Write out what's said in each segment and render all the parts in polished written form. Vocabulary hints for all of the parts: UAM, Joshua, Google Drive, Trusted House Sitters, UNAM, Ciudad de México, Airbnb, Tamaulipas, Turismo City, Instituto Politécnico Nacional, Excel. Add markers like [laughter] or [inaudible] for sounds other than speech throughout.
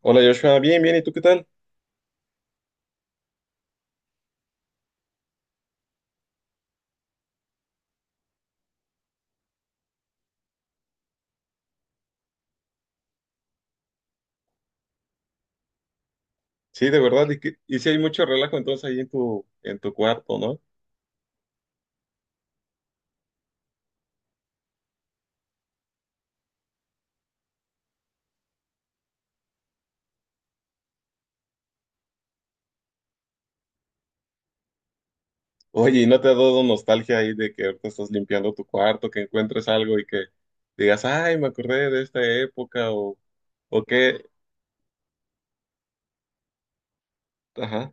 Hola Joshua, bien, ¿y tú qué tal? Sí, de verdad, y sí hay mucho relajo entonces ahí en tu cuarto, ¿no? Oye, ¿y no te ha dado nostalgia ahí de que te estás limpiando tu cuarto, que encuentres algo y que digas, ay, me acordé de esta época o qué? Ajá,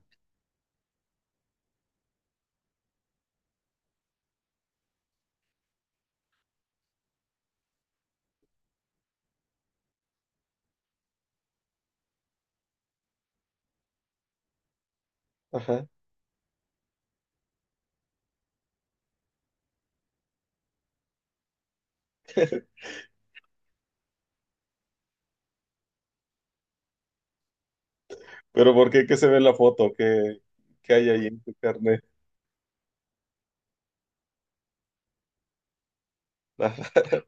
ajá. Pero ¿por qué? ¿Qué se ve en la foto? ¿Qué hay ahí en tu carnet? [laughs] Ajá.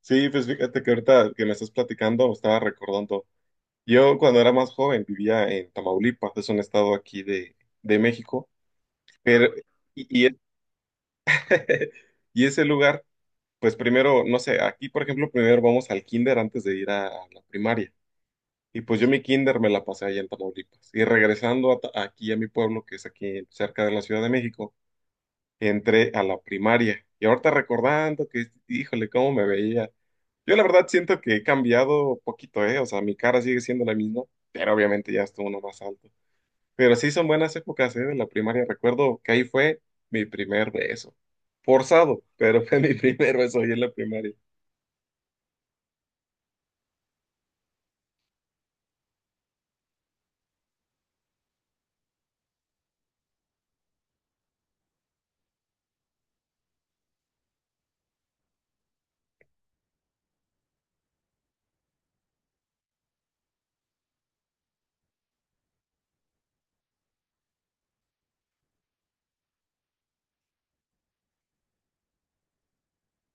Sí, pues fíjate que ahorita que me estás platicando, me estaba recordando. Yo cuando era más joven vivía en Tamaulipas, es un estado aquí de México, pero... Y [laughs] Y ese lugar, pues primero, no sé, aquí por ejemplo, primero vamos al kinder antes de ir a la primaria. Y pues yo mi kinder me la pasé allá en Tamaulipas. Y regresando a aquí a mi pueblo, que es aquí cerca de la Ciudad de México, entré a la primaria. Y ahorita recordando que, híjole, cómo me veía. Yo la verdad siento que he cambiado poquito, ¿eh? O sea, mi cara sigue siendo la misma, pero obviamente ya estuvo uno más alto. Pero sí son buenas épocas, ¿eh? De la primaria. Recuerdo que ahí fue mi primer beso. Forzado, pero fue [laughs] mi primer beso ahí en la primaria.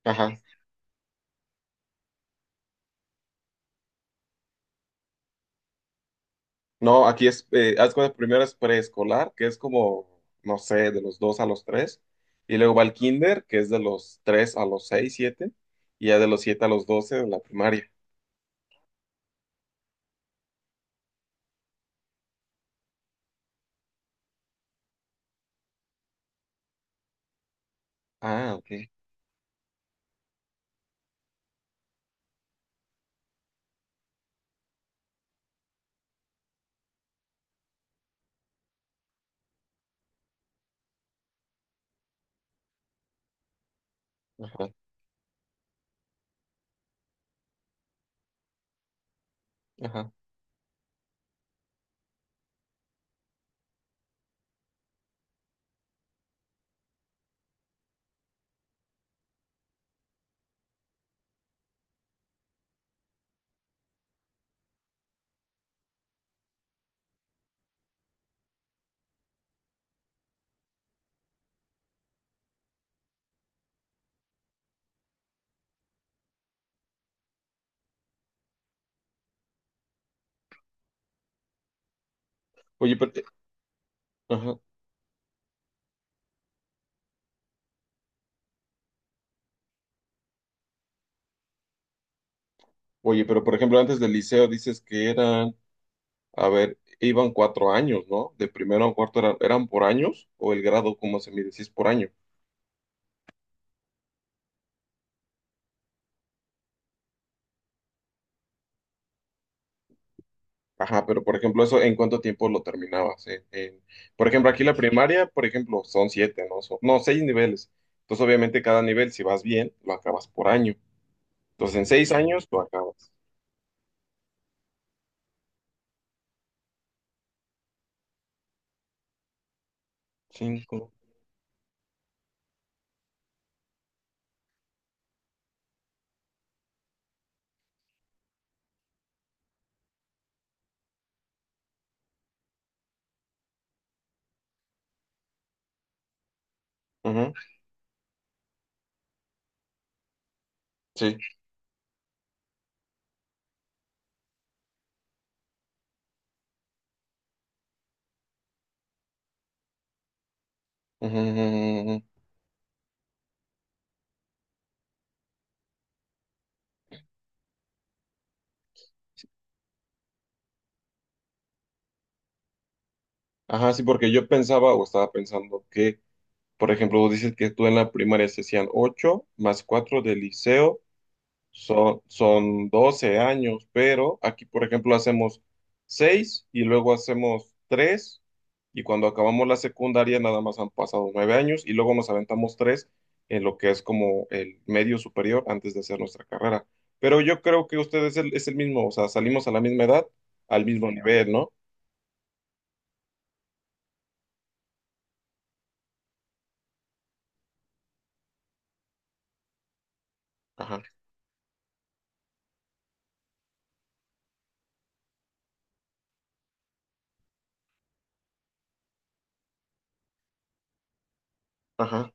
Ajá. No, aquí es, haz cuenta, primero es preescolar, que es como, no sé, de los dos a los tres. Y luego va el kinder, que es de los tres a los seis, siete. Y ya de los siete a los doce de la primaria. Ah, ok. Ajá, ajá. Oye, pero, eh, ajá. Oye, pero por ejemplo, antes del liceo dices que eran a ver, iban cuatro años, ¿no? De primero a cuarto eran por años o el grado, como se mide, si es por año. Ajá, pero por ejemplo, eso, ¿en cuánto tiempo lo terminabas? Por ejemplo, aquí la primaria, por ejemplo, son siete, ¿no? No, seis niveles. Entonces, obviamente, cada nivel, si vas bien, lo acabas por año. Entonces, en seis años, lo acabas. Cinco. Ujú, sí. Ujú, ujú, ujú. Ajá, sí, porque yo pensaba o estaba pensando que, por ejemplo, dices que tú en la primaria se hacían ocho más cuatro del liceo. Son 12 años, pero aquí, por ejemplo, hacemos 6 y luego hacemos 3 y cuando acabamos la secundaria nada más han pasado 9 años y luego nos aventamos 3 en lo que es como el medio superior antes de hacer nuestra carrera. Pero yo creo que ustedes es el mismo, o sea, salimos a la misma edad, al mismo nivel, ¿no? Ajá, ajá.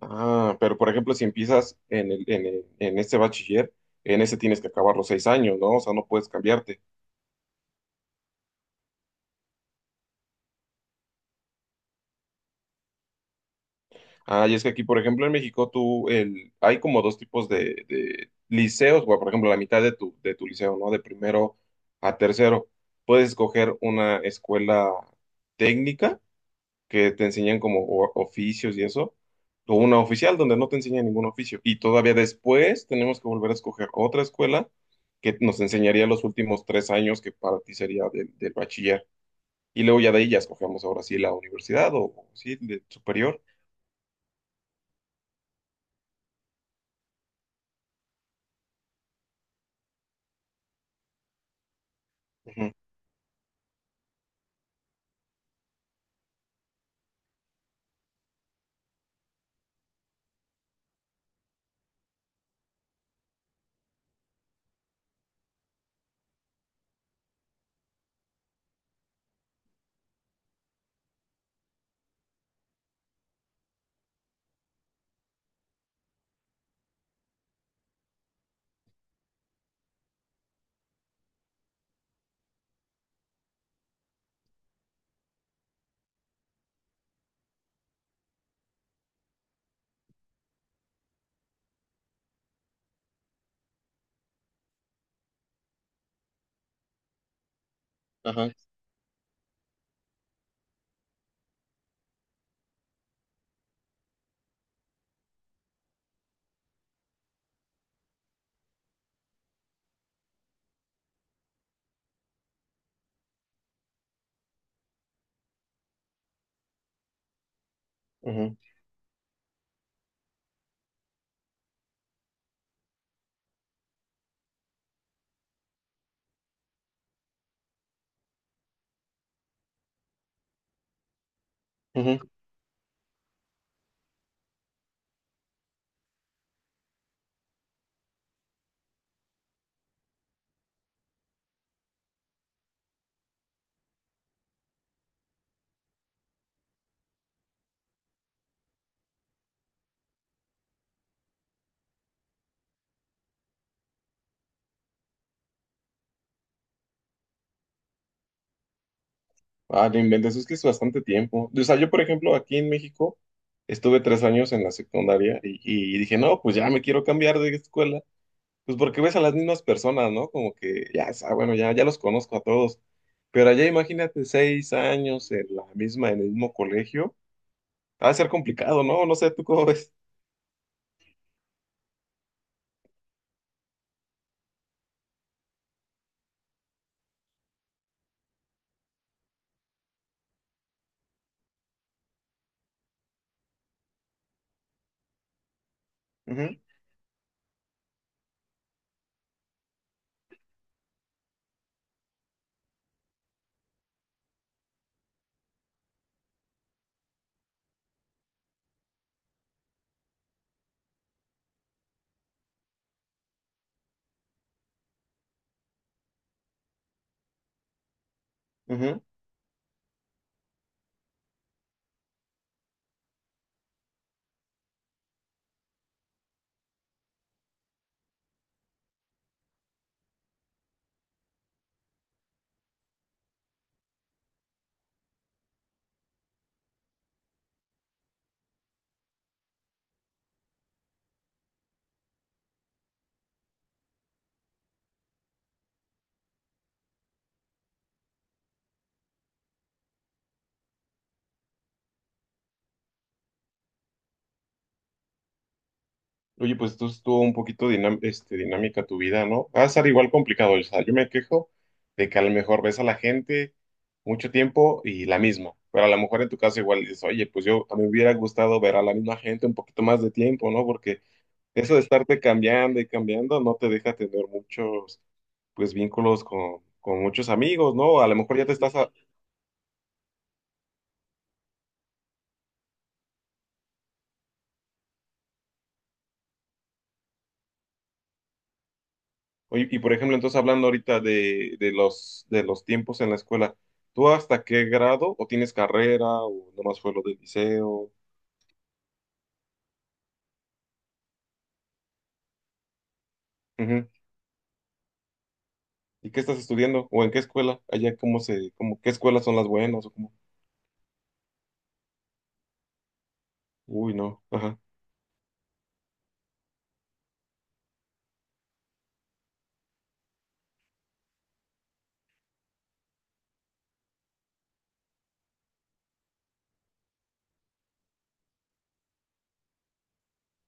Ah, pero por ejemplo, si empiezas en este bachiller, en ese tienes que acabar los 6 años, ¿no? O sea, no puedes cambiarte. Ah, y es que aquí, por ejemplo, en México, hay como dos tipos de liceos, bueno, por ejemplo, la mitad de de tu liceo, ¿no? De primero a tercero. Puedes escoger una escuela técnica que te enseñan como oficios y eso, o una oficial donde no te enseñan ningún oficio. Y todavía después tenemos que volver a escoger otra escuela que nos enseñaría los últimos tres años que para ti sería del bachiller. Y luego ya de ahí ya escogemos ahora sí la universidad o sí, de superior. Ujú. Ajá. Ujú. Ujú. Ah, no inventes, es que es bastante tiempo. O sea, yo, por ejemplo, aquí en México estuve tres años en la secundaria y dije, no, pues ya me quiero cambiar de escuela. Pues porque ves a las mismas personas, ¿no? Como que bueno, ya los conozco a todos. Pero allá imagínate seis años en la misma, en el mismo colegio. Va a ser complicado, ¿no? No sé, ¿tú cómo ves? Ujú, ujú. Oye, pues tú estuvo un poquito dinámica tu vida, ¿no? Va a ser igual complicado. O sea, yo me quejo de que a lo mejor ves a la gente mucho tiempo y la misma. Pero a lo mejor en tu caso igual dices, oye, pues yo a mí me hubiera gustado ver a la misma gente un poquito más de tiempo, ¿no? Porque eso de estarte cambiando y cambiando no te deja tener muchos, pues, vínculos con muchos amigos, ¿no? A lo mejor ya te estás oye, y por ejemplo, entonces hablando ahorita de los tiempos en la escuela, ¿tú hasta qué grado o tienes carrera o nomás fue lo del liceo? Ujú. ¿Y qué estás estudiando? ¿O en qué escuela? Allá cómo se, cómo, ¿qué escuelas son las buenas o cómo? Uy, no. Ajá.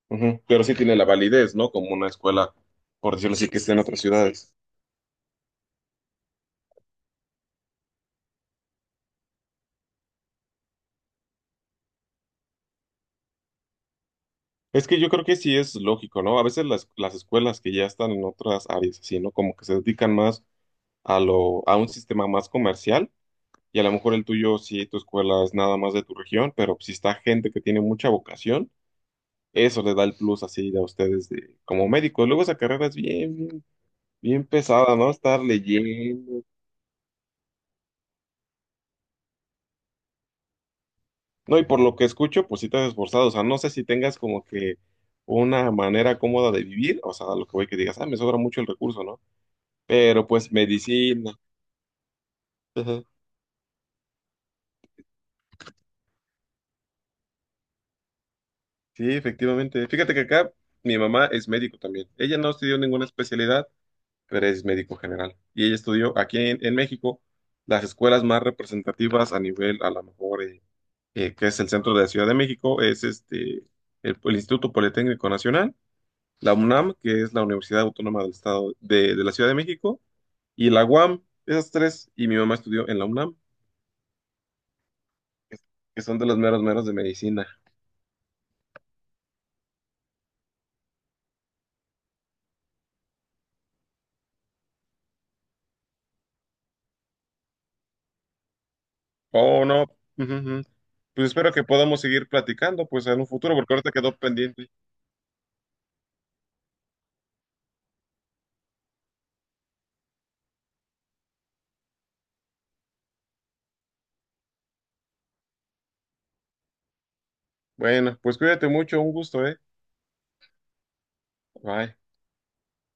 Ujú. Pero sí tiene la validez, ¿no? Como una escuela, por decirlo así, que esté en otras ciudades. Es que yo creo que sí es lógico, ¿no? A veces las escuelas que ya están en otras áreas, así, ¿no? Como que se dedican más a lo, a un sistema más comercial y a lo mejor el tuyo, sí, tu escuela es nada más de tu región, pero si está gente que tiene mucha vocación, eso le da el plus así a ustedes de, como médicos. Luego esa carrera es bien pesada, ¿no? Estar leyendo. No, y por lo que escucho, pues sí te has esforzado. O sea, no sé si tengas como que una manera cómoda de vivir, o sea, a lo que voy que digas, ah, me sobra mucho el recurso, ¿no? Pero pues medicina. [laughs] Ajá. Sí, efectivamente. Fíjate que acá mi mamá es médico también. Ella no estudió ninguna especialidad, pero es médico general. Y ella estudió aquí en México las escuelas más representativas a nivel, a lo mejor, que es el centro de la Ciudad de México, es este, el Instituto Politécnico Nacional, la UNAM, que es la Universidad Autónoma del Estado de la Ciudad de México, y la UAM, esas tres, y mi mamá estudió en la UNAM, que que son de los meros meros de medicina. Oh, no. Ujú, ujú. Pues espero que podamos seguir platicando, pues en un futuro, porque ahorita quedó pendiente. Bueno, pues cuídate mucho, un gusto, ¿eh? Bye.